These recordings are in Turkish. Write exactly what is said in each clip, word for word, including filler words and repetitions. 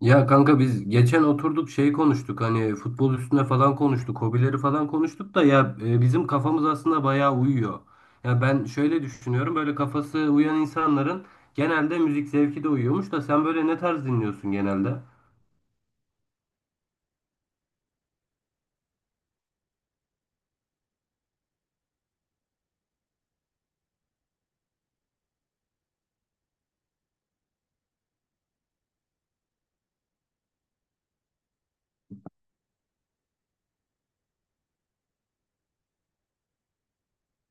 Ya kanka biz geçen oturduk şey konuştuk hani futbol üstüne falan konuştuk, hobileri falan konuştuk da ya e, bizim kafamız aslında bayağı uyuyor. Ya ben şöyle düşünüyorum böyle kafası uyan insanların genelde müzik zevki de uyuyormuş da sen böyle ne tarz dinliyorsun genelde?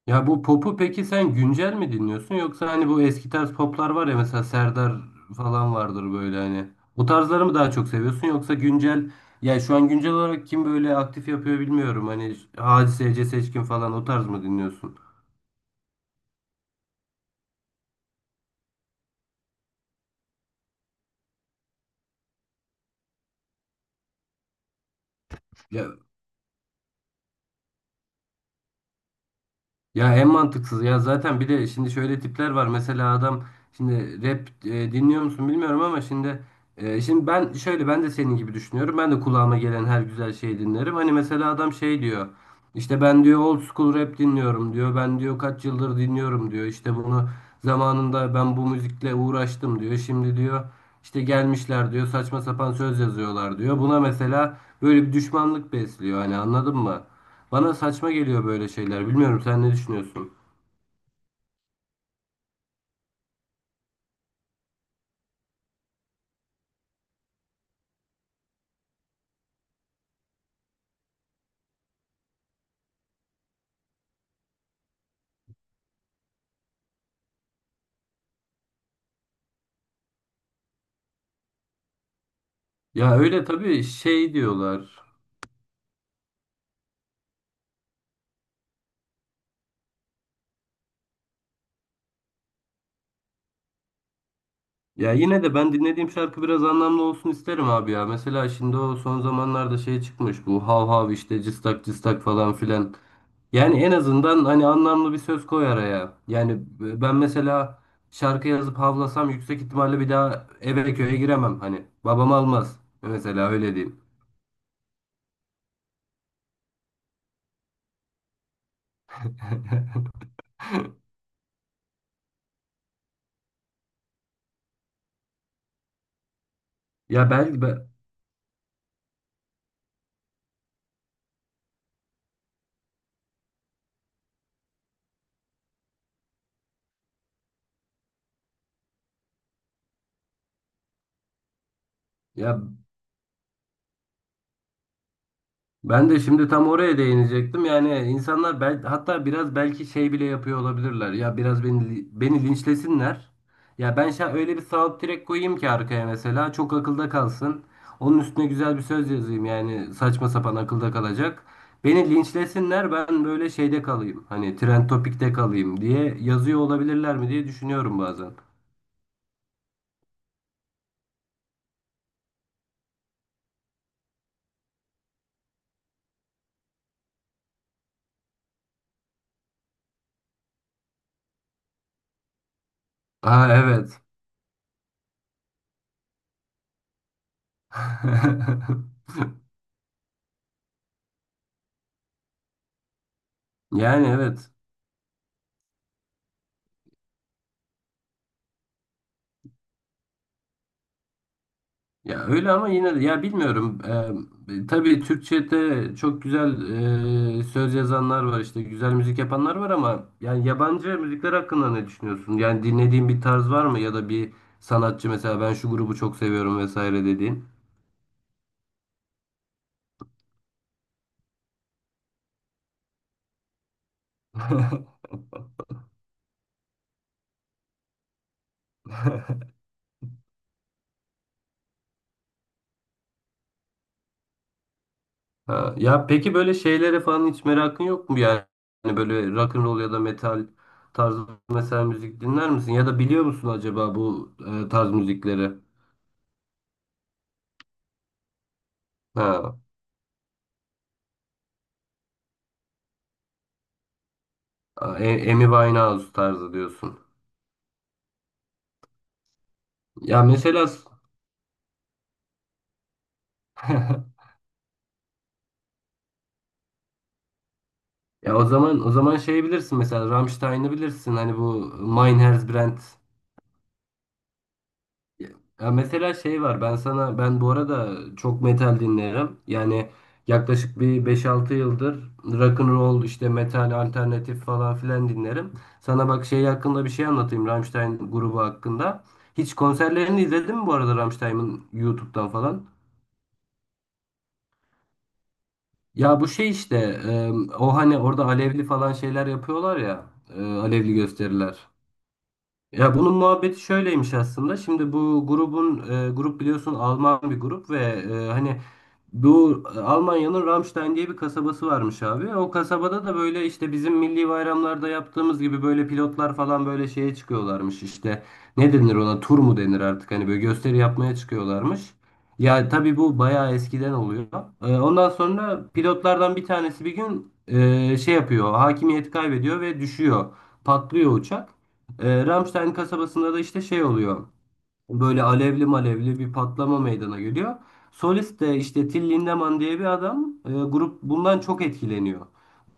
Ya bu popu peki sen güncel mi dinliyorsun yoksa hani bu eski tarz poplar var ya mesela Serdar falan vardır böyle hani. Bu tarzları mı daha çok seviyorsun yoksa güncel ya şu an güncel olarak kim böyle aktif yapıyor bilmiyorum hani Hadise, Ece Seçkin falan o tarz mı dinliyorsun? Ya Ya en mantıksız ya zaten bir de şimdi şöyle tipler var mesela adam şimdi rap e, dinliyor musun bilmiyorum ama şimdi e, şimdi ben şöyle ben de senin gibi düşünüyorum ben de kulağıma gelen her güzel şeyi dinlerim hani mesela adam şey diyor işte ben diyor old school rap dinliyorum diyor ben diyor kaç yıldır dinliyorum diyor işte bunu zamanında ben bu müzikle uğraştım diyor şimdi diyor işte gelmişler diyor saçma sapan söz yazıyorlar diyor buna mesela böyle bir düşmanlık besliyor hani anladın mı? Bana saçma geliyor böyle şeyler. Bilmiyorum sen ne düşünüyorsun? Ya öyle tabii şey diyorlar. Ya yine de ben dinlediğim şarkı biraz anlamlı olsun isterim abi ya. Mesela şimdi o son zamanlarda şey çıkmış bu hav hav işte cıstak cıstak falan filan. Yani en azından hani anlamlı bir söz koy araya. Yani ben mesela şarkı yazıp havlasam yüksek ihtimalle bir daha eve köye giremem hani. Babam almaz. Mesela öyle diyeyim. Ya belki ben, ya Ben de şimdi tam oraya değinecektim. Yani insanlar bel, hatta biraz belki şey bile yapıyor olabilirler. Ya biraz beni beni linçlesinler. Ya ben şa öyle bir sağlık direkt koyayım ki arkaya mesela çok akılda kalsın. Onun üstüne güzel bir söz yazayım yani saçma sapan akılda kalacak. Beni linçlesinler ben böyle şeyde kalayım. Hani trend topikte kalayım diye yazıyor olabilirler mi diye düşünüyorum bazen. Aa evet. Yani evet. Ya öyle ama yine de ya bilmiyorum. Eee tabii Türkçe'de çok güzel eee, söz yazanlar var işte güzel müzik yapanlar var ama yani yabancı müzikler hakkında ne düşünüyorsun? Yani dinlediğin bir tarz var mı ya da bir sanatçı mesela ben şu grubu çok seviyorum vesaire dediğin? Ha, ya peki böyle şeylere falan hiç merakın yok mu yani? Hani böyle rock and roll ya da metal tarzı mesela müzik dinler misin? Ya da biliyor musun acaba bu e, tarz müzikleri? Ha, e- Amy Winehouse tarzı diyorsun. Ya mesela ya o zaman o zaman şey bilirsin mesela Rammstein'ı bilirsin hani bu Meinherz Brand. Ya mesela şey var ben sana ben bu arada çok metal dinlerim. Yani yaklaşık bir beş altı yıldır rock and roll işte metal alternatif falan filan dinlerim. Sana bak şey hakkında bir şey anlatayım Rammstein grubu hakkında. Hiç konserlerini izledin mi bu arada Rammstein'ın YouTube'dan falan? Ya bu şey işte e, o hani orada alevli falan şeyler yapıyorlar ya e, alevli gösteriler. Ya bunun muhabbeti şöyleymiş aslında. Şimdi bu grubun e, grup biliyorsun Alman bir grup ve e, hani bu Almanya'nın Ramstein diye bir kasabası varmış abi. O kasabada da böyle işte bizim milli bayramlarda yaptığımız gibi böyle pilotlar falan böyle şeye çıkıyorlarmış işte. Ne denir ona? Tur mu denir artık? Hani böyle gösteri yapmaya çıkıyorlarmış. Ya tabii bu bayağı eskiden oluyor. Ee, Ondan sonra pilotlardan bir tanesi bir gün e, şey yapıyor. Hakimiyeti kaybediyor ve düşüyor. Patlıyor uçak. Ee, Ramstein kasabasında da işte şey oluyor. Böyle alevli malevli bir patlama meydana geliyor. Solist de işte Till Lindemann diye bir adam. E, grup bundan çok etkileniyor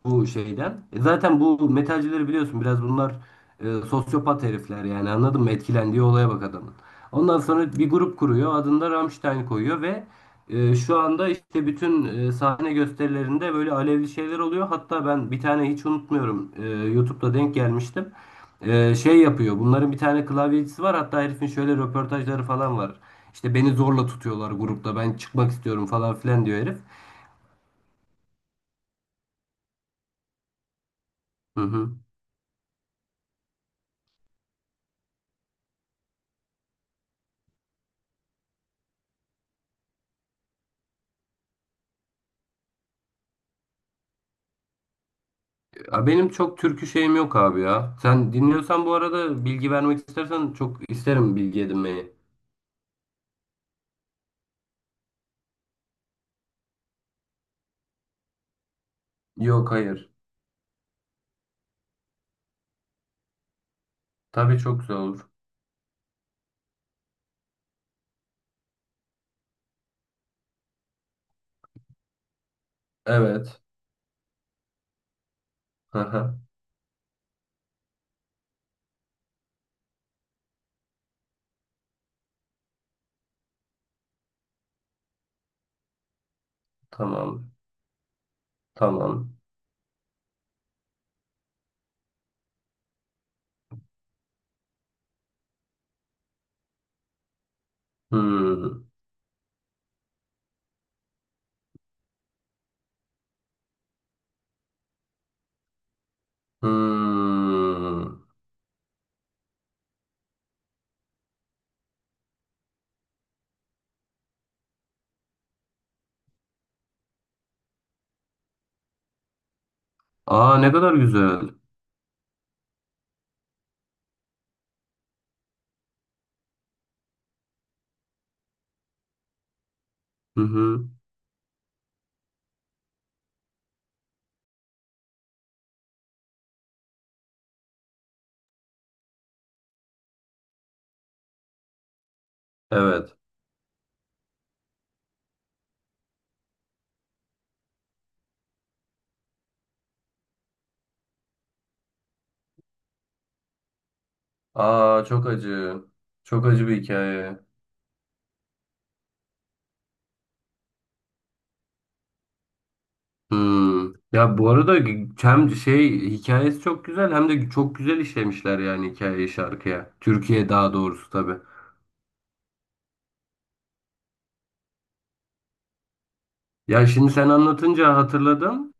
bu şeyden. E zaten bu metalcileri biliyorsun biraz bunlar e, sosyopat herifler yani anladın mı? Etkilendiği olaya bak adamın. Ondan sonra bir grup kuruyor adını da Rammstein koyuyor ve e, şu anda işte bütün e, sahne gösterilerinde böyle alevli şeyler oluyor. Hatta ben bir tane hiç unutmuyorum e, YouTube'da denk gelmiştim. E, şey yapıyor bunların bir tane klavyecisi var hatta herifin şöyle röportajları falan var. İşte beni zorla tutuyorlar grupta ben çıkmak istiyorum falan filan diyor herif. Hı hı. Ya benim çok türkü şeyim yok abi ya. Sen dinliyorsan bu arada bilgi vermek istersen çok isterim bilgi edinmeyi. Yok, hayır. Tabii, çok güzel olur. Evet. Aha. Tamam. Tamam. Hmm. Hmm. Aa, ne kadar güzel. Hı hı. Evet. Aa, çok acı. Çok acı bir hikaye. Hmm. Ya bu arada hem şey hikayesi çok güzel hem de çok güzel işlemişler yani hikayeyi şarkıya. Türkiye daha doğrusu tabii. Ya şimdi sen anlatınca hatırladım.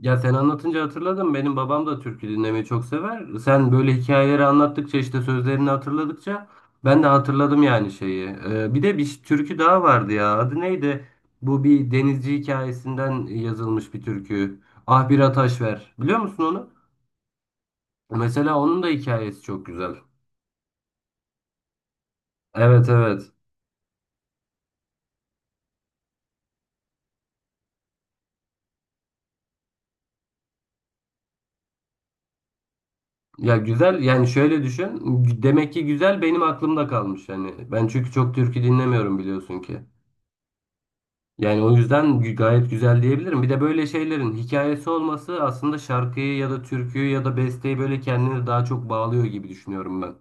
Ya sen anlatınca hatırladım. Benim babam da türkü dinlemeyi çok sever. Sen böyle hikayeleri anlattıkça işte sözlerini hatırladıkça ben de hatırladım yani şeyi. Ee, bir de bir türkü daha vardı ya. Adı neydi? Bu bir denizci hikayesinden yazılmış bir türkü. Ah bir ataş ver. Biliyor musun onu? Mesela onun da hikayesi çok güzel. Evet, evet. Ya güzel yani şöyle düşün. Demek ki güzel benim aklımda kalmış yani. Ben çünkü çok türkü dinlemiyorum biliyorsun ki. Yani o yüzden gayet güzel diyebilirim. Bir de böyle şeylerin hikayesi olması aslında şarkıyı ya da türküyü ya da besteyi böyle kendine daha çok bağlıyor gibi düşünüyorum ben.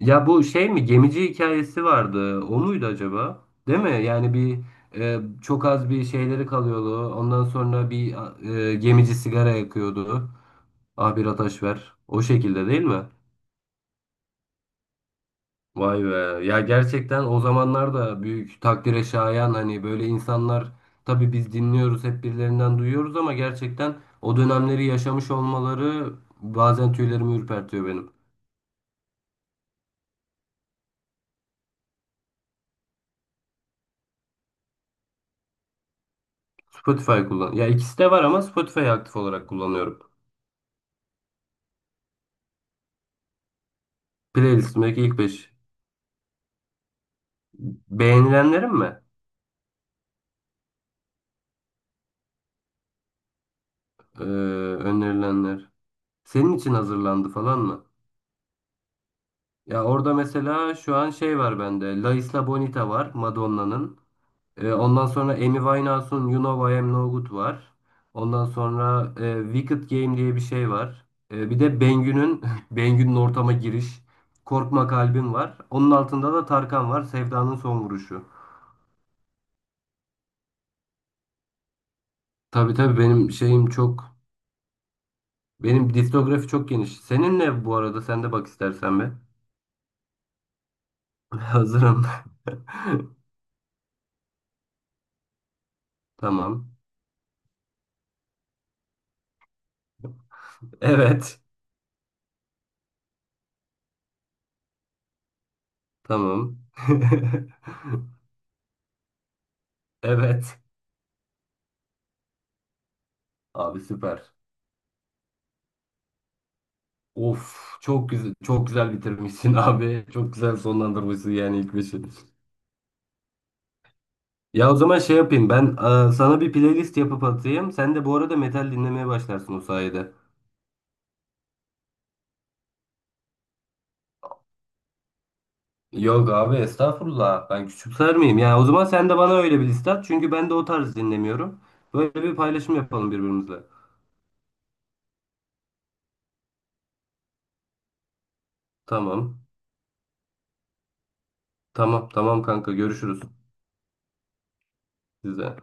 Ya bu şey mi, gemici hikayesi vardı. O muydu acaba? Değil mi? Yani bir e, çok az bir şeyleri kalıyordu. Ondan sonra bir e, gemici sigara yakıyordu. Ah bir ateş ver. O şekilde değil mi? Vay be. Ya gerçekten o zamanlar da büyük takdire şayan hani böyle insanlar tabii biz dinliyoruz hep birilerinden duyuyoruz ama gerçekten o dönemleri yaşamış olmaları bazen tüylerimi ürpertiyor benim. Spotify kullan. Ya ikisi de var ama Spotify'ı aktif olarak kullanıyorum. Playlistimdeki ilk beş beğenilenlerim mi? Ee, önerilenler. Senin için hazırlandı falan mı? Ya orada mesela şu an şey var bende. La Isla Bonita var Madonna'nın. Ee, ondan sonra Amy Winehouse'un You Know I Am No Good var. Ondan sonra e, Wicked Game diye bir şey var. E, bir de Bengü'nün Bengü'nün ortama giriş. Korkma Kalbim var. Onun altında da Tarkan var. Sevdanın son vuruşu. Tabii, tabii, benim şeyim çok benim diskografi çok geniş. Senin ne bu arada? Sen de bak istersen be. Hazırım. Tamam. Evet. Tamam. Evet. Abi, süper. Of çok güzel, çok güzel bitirmişsin abi. Çok güzel sonlandırmışsın yani ilk beşi. Ya o zaman şey yapayım ben e, sana bir playlist yapıp atayım. Sen de bu arada metal dinlemeye başlarsın o sayede. Yok abi estağfurullah, ben küçümser miyim? Ya o zaman sen de bana öyle bir liste at. Çünkü ben de o tarz dinlemiyorum. Böyle bir paylaşım yapalım birbirimizle. Tamam. Tamam, tamam kanka, görüşürüz size.